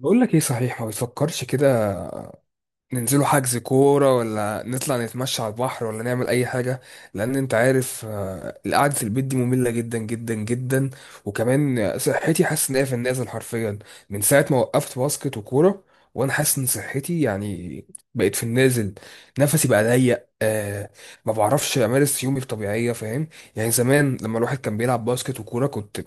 بقول لك ايه؟ صحيح، ما بتفكرش كده؟ ننزلوا حجز كورة، ولا نطلع نتمشى على البحر، ولا نعمل اي حاجة؟ لان انت عارف، القعدة في البيت دي مملة جدا جدا جدا. وكمان صحتي حاسس ان هي في النازل حرفيا، من ساعة ما وقفت باسكت وكورة. وانا حاسس ان صحتي يعني بقت في النازل. نفسي بقى ضيق، ما بعرفش امارس يومي بطبيعية، فاهم؟ يعني زمان لما الواحد كان بيلعب باسكت وكورة، كنت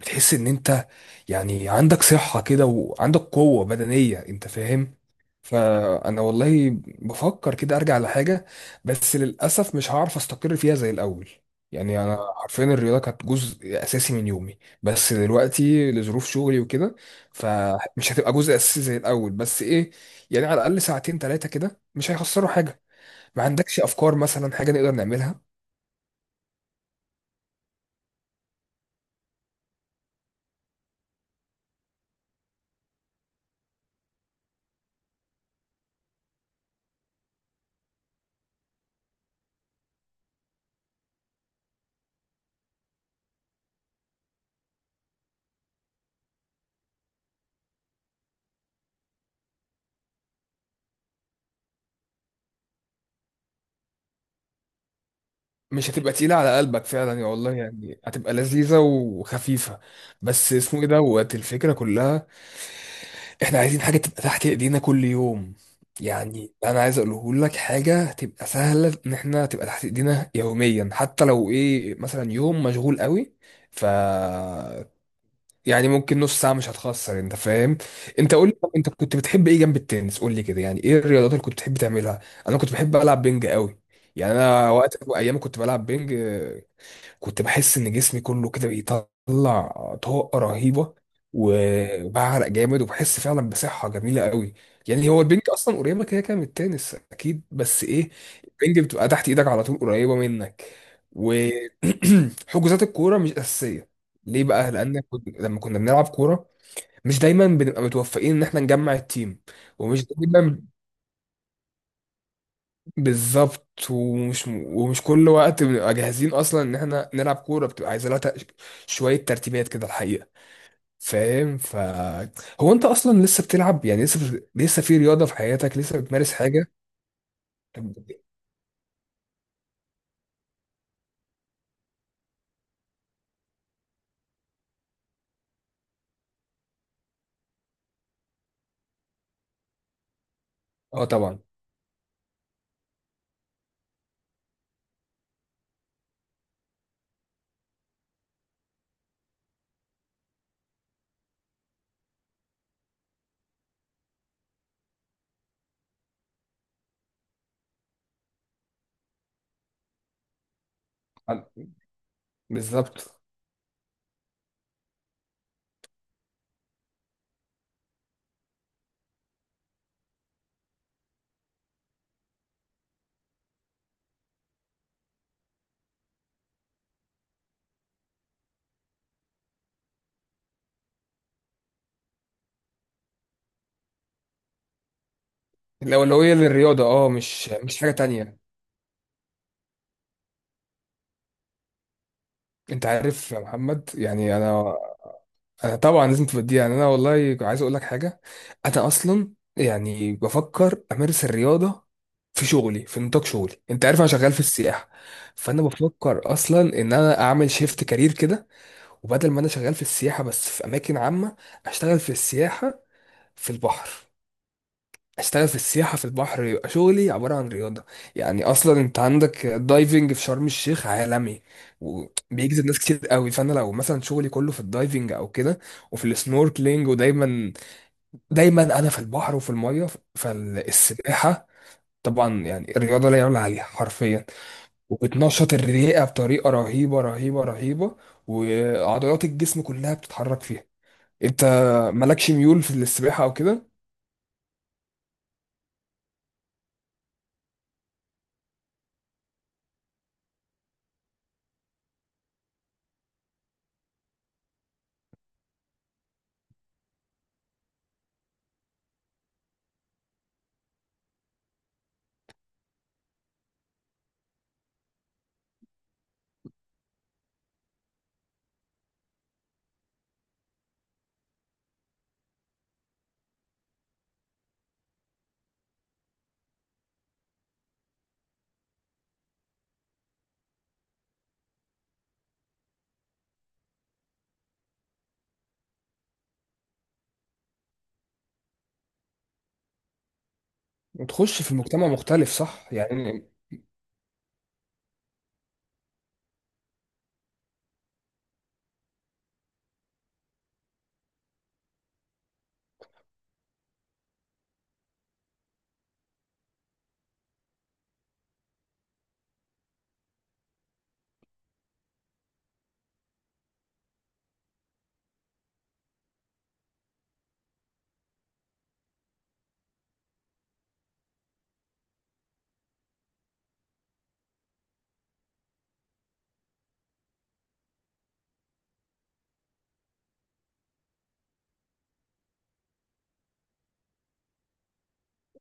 بتحس ان انت يعني عندك صحة كده، وعندك قوة بدنية، انت فاهم. فانا والله بفكر كده ارجع لحاجة، بس للأسف مش هعرف استقر فيها زي الأول. يعني انا حرفيا الرياضة كانت جزء اساسي من يومي، بس دلوقتي لظروف شغلي وكده فمش هتبقى جزء اساسي زي الأول، بس ايه؟ يعني على الأقل ساعتين ثلاثة كده مش هيخسروا حاجة. ما عندكش افكار مثلا حاجة نقدر نعملها؟ مش هتبقى تقيلة على قلبك فعلا، يا والله يعني هتبقى لذيذة وخفيفة. بس اسمه ايه دوت الفكرة كلها، احنا عايزين حاجة تبقى تحت ايدينا كل يوم. يعني انا عايز اقوله لك حاجة تبقى سهلة ان احنا تبقى تحت ايدينا يوميا، حتى لو ايه مثلا يوم مشغول قوي ف يعني ممكن نص ساعة مش هتخسر، انت فاهم. انت قول لي، طب انت كنت بتحب ايه جنب التنس؟ قول لي كده يعني ايه الرياضات اللي كنت بتحب تعملها. انا كنت بحب العب بينج قوي، يعني انا وقت ايام كنت بلعب بينج. كنت بحس ان جسمي كله كده بيطلع طاقه رهيبه، و- وبعرق جامد وبحس فعلا بصحه جميله قوي. يعني هو البنج اصلا قريبه كده كده من التنس، اكيد، بس ايه؟ البنج بتبقى تحت ايدك على طول، قريبه منك. وحجوزات الكوره مش اساسيه. ليه بقى؟ لان لما كنا بنلعب كوره مش دايما بنبقى متوفقين ان احنا نجمع التيم. ومش دايما. بالظبط، ومش كل وقت بنبقى جاهزين اصلا ان احنا نلعب كوره، بتبقى عايزه لها شويه ترتيبات كده الحقيقه. فاهم؟ هو انت اصلا لسه بتلعب؟ يعني لسه لسه في رياضه في حياتك، لسه بتمارس حاجه؟ اه طبعا. بالظبط، الاولويه للرياضه، اه، مش حاجه تانية. انت عارف يا محمد، يعني انا طبعا لازم تبدي. يعني انا والله عايز اقول لك حاجه، انا اصلا يعني بفكر امارس الرياضه في شغلي، في نطاق شغلي. انت عارف انا شغال في السياحه، فانا بفكر اصلا ان انا اعمل شيفت كارير كده. وبدل ما انا شغال في السياحه بس في اماكن عامه، اشتغل في السياحه في البحر. اشتغل في السياحة في البحر يبقى شغلي عبارة عن رياضة. يعني اصلا انت عندك الدايفنج في شرم الشيخ عالمي، وبيجذب ناس كتير قوي. فانا لو مثلا شغلي كله في الدايفنج او كده، وفي السنوركلينج، ودايما دايما انا في البحر وفي المية، فالسباحة طبعا، يعني الرياضة لا يعلى عليها حرفيا. وبتنشط الرئة بطريقة رهيبة رهيبة رهيبة، وعضلات الجسم كلها بتتحرك فيها. انت مالكش ميول في السباحة او كده؟ وتخش في المجتمع مختلف، صح يعني.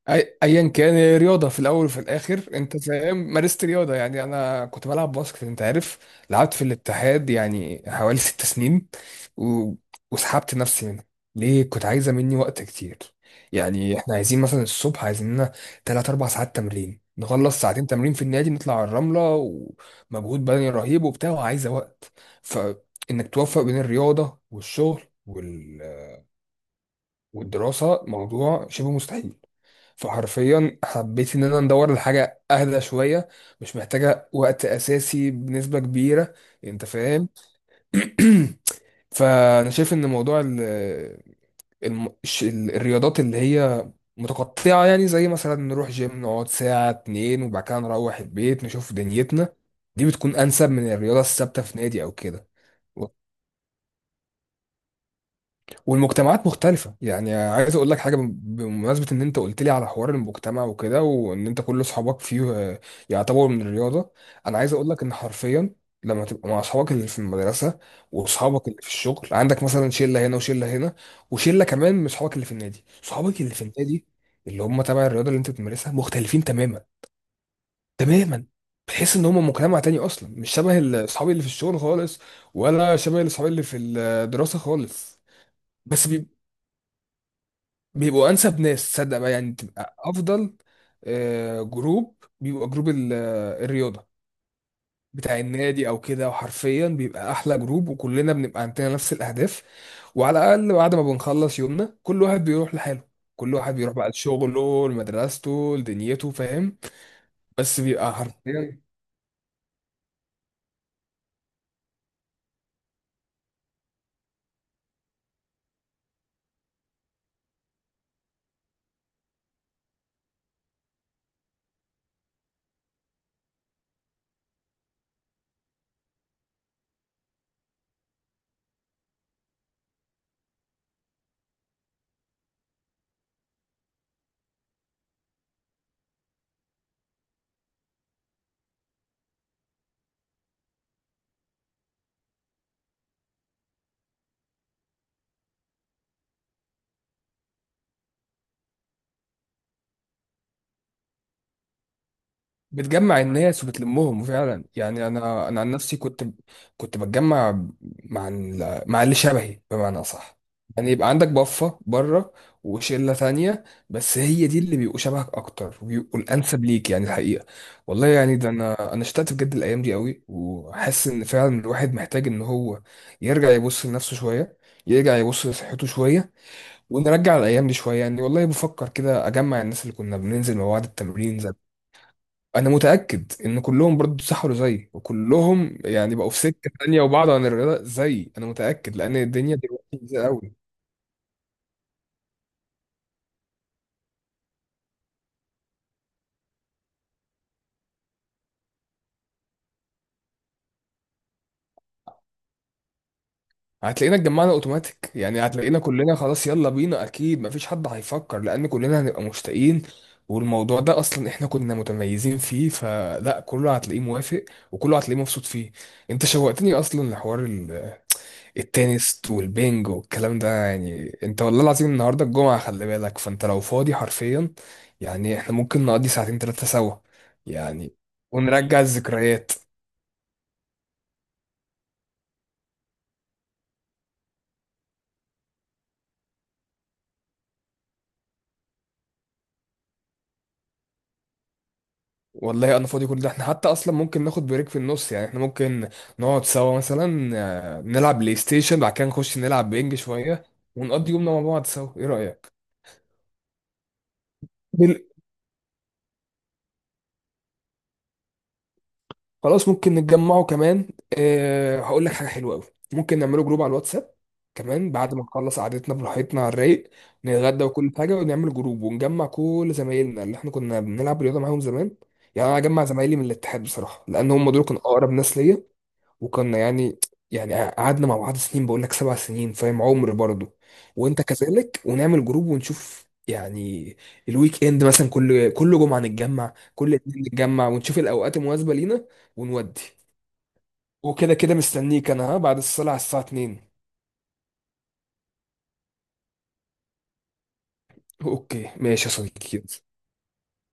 ايا كان هي رياضه في الاول وفي الاخر، انت فاهم، مارست رياضه. يعني انا كنت بلعب باسكت، انت عارف، لعبت في الاتحاد يعني حوالي 6 سنين و... وسحبت نفسي منه. ليه؟ كنت عايزه مني وقت كتير. يعني احنا عايزين مثلا الصبح، عايزين لنا 3 4 ساعات تمرين، نخلص ساعتين تمرين في النادي، نطلع على الرمله، ومجهود بدني رهيب وبتاع وعايزه وقت. فانك توفق بين الرياضه والشغل والدراسه موضوع شبه مستحيل. فحرفيا حبيت ان انا ندور لحاجه اهدى شويه، مش محتاجه وقت اساسي بنسبه كبيره، انت فاهم. فانا شايف ان موضوع ال الم- الش- ال- الرياضات اللي هي متقطعه، يعني زي مثلا نروح جيم نقعد ساعه اتنين وبعد كده نروح البيت نشوف دنيتنا، دي بتكون انسب من الرياضه الثابته في نادي او كده. والمجتمعات مختلفة، يعني عايز اقول لك حاجة، بمناسبة ان انت قلت لي على حوار المجتمع وكده، وان انت كل اصحابك فيه يعتبروا من الرياضة. انا عايز اقول لك ان حرفيا لما تبقى مع اصحابك اللي في المدرسة، واصحابك اللي في الشغل، عندك مثلا شلة هنا وشلة هنا، وشلة كمان من اصحابك اللي في النادي. اصحابك اللي في النادي، اللي هم تبع الرياضة اللي انت بتمارسها، مختلفين تماما تماما. بتحس ان هم مجتمع تاني اصلا، مش شبه اصحابي اللي في الشغل خالص، ولا شبه اصحابي اللي في الدراسة خالص. بس بيبقوا انسب ناس، تصدق بقى يعني تبقى افضل جروب بيبقى جروب الرياضه بتاع النادي او كده. وحرفيا بيبقى احلى جروب، وكلنا بنبقى عندنا نفس الاهداف. وعلى الاقل بعد ما بنخلص يومنا كل واحد بيروح لحاله، كل واحد بيروح بقى لشغله، لمدرسته، لدنيته، فاهم. بس بيبقى حرفيا بتجمع الناس وبتلمهم فعلا. يعني انا عن نفسي كنت، كنت بتجمع مع مع اللي شبهي بمعنى اصح. يعني يبقى عندك بفه بره وشله ثانيه، بس هي دي اللي بيبقوا شبهك اكتر، وبيبقوا الانسب ليك يعني الحقيقه. والله يعني ده انا اشتقت بجد الايام دي قوي، وحاسس ان فعلا الواحد محتاج ان هو يرجع يبص لنفسه شويه، يرجع يبص لصحته شويه، ونرجع الايام دي شويه. يعني والله بفكر كده اجمع الناس اللي كنا بننزل مع بعض التمرين. انا متاكد ان كلهم برضه سحروا زي وكلهم يعني بقوا في سكه تانية، وبعض عن الرياضه زي اي. انا متاكد لان الدنيا دلوقتي زي قوي. هتلاقينا اتجمعنا اوتوماتيك، يعني هتلاقينا كلنا خلاص يلا بينا، اكيد مفيش حد هيفكر، لان كلنا هنبقى مشتاقين. والموضوع ده اصلا احنا كنا متميزين فيه، فلا كله هتلاقيه موافق، وكله هتلاقيه مبسوط فيه. انت شوقتني اصلا لحوار التنس والبينجو والكلام ده. يعني انت والله العظيم النهارده الجمعة، خلي بالك، فانت لو فاضي حرفيا يعني احنا ممكن نقضي ساعتين تلاتة سوا، يعني ونرجع الذكريات. والله انا فاضي كل ده، احنا حتى اصلا ممكن ناخد بريك في النص. يعني احنا ممكن نقعد سوا مثلا، نلعب بلاي ستيشن، بعد كده نخش نلعب بينج شوية، ونقضي يومنا مع بعض سوا. ايه رأيك؟ بال- خلاص ممكن نتجمعوا كمان. أه هقول لك حاجة حلوة قوي، ممكن نعمله جروب على الواتساب كمان، بعد ما نخلص قعدتنا براحتنا على الرايق، نتغدى وكل حاجة، ونعمل جروب ونجمع كل زمايلنا اللي احنا كنا بنلعب رياضة معاهم زمان. يعني انا اجمع زمايلي من الاتحاد بصراحة، لان هم دول كانوا اقرب ناس ليا، وكنا يعني، يعني قعدنا مع بعض سنين، بقول لك 7 سنين، فاهم، عمر برضه. وانت كذلك. ونعمل جروب ونشوف يعني الويك اند مثلا، كل جمعة نتجمع، كل اتنين نتجمع، ونشوف الاوقات المناسبة لينا ونودي. وكده كده مستنيك انا، ها، بعد الصلاة على الساعة 2. اوكي ماشي يا صديقي.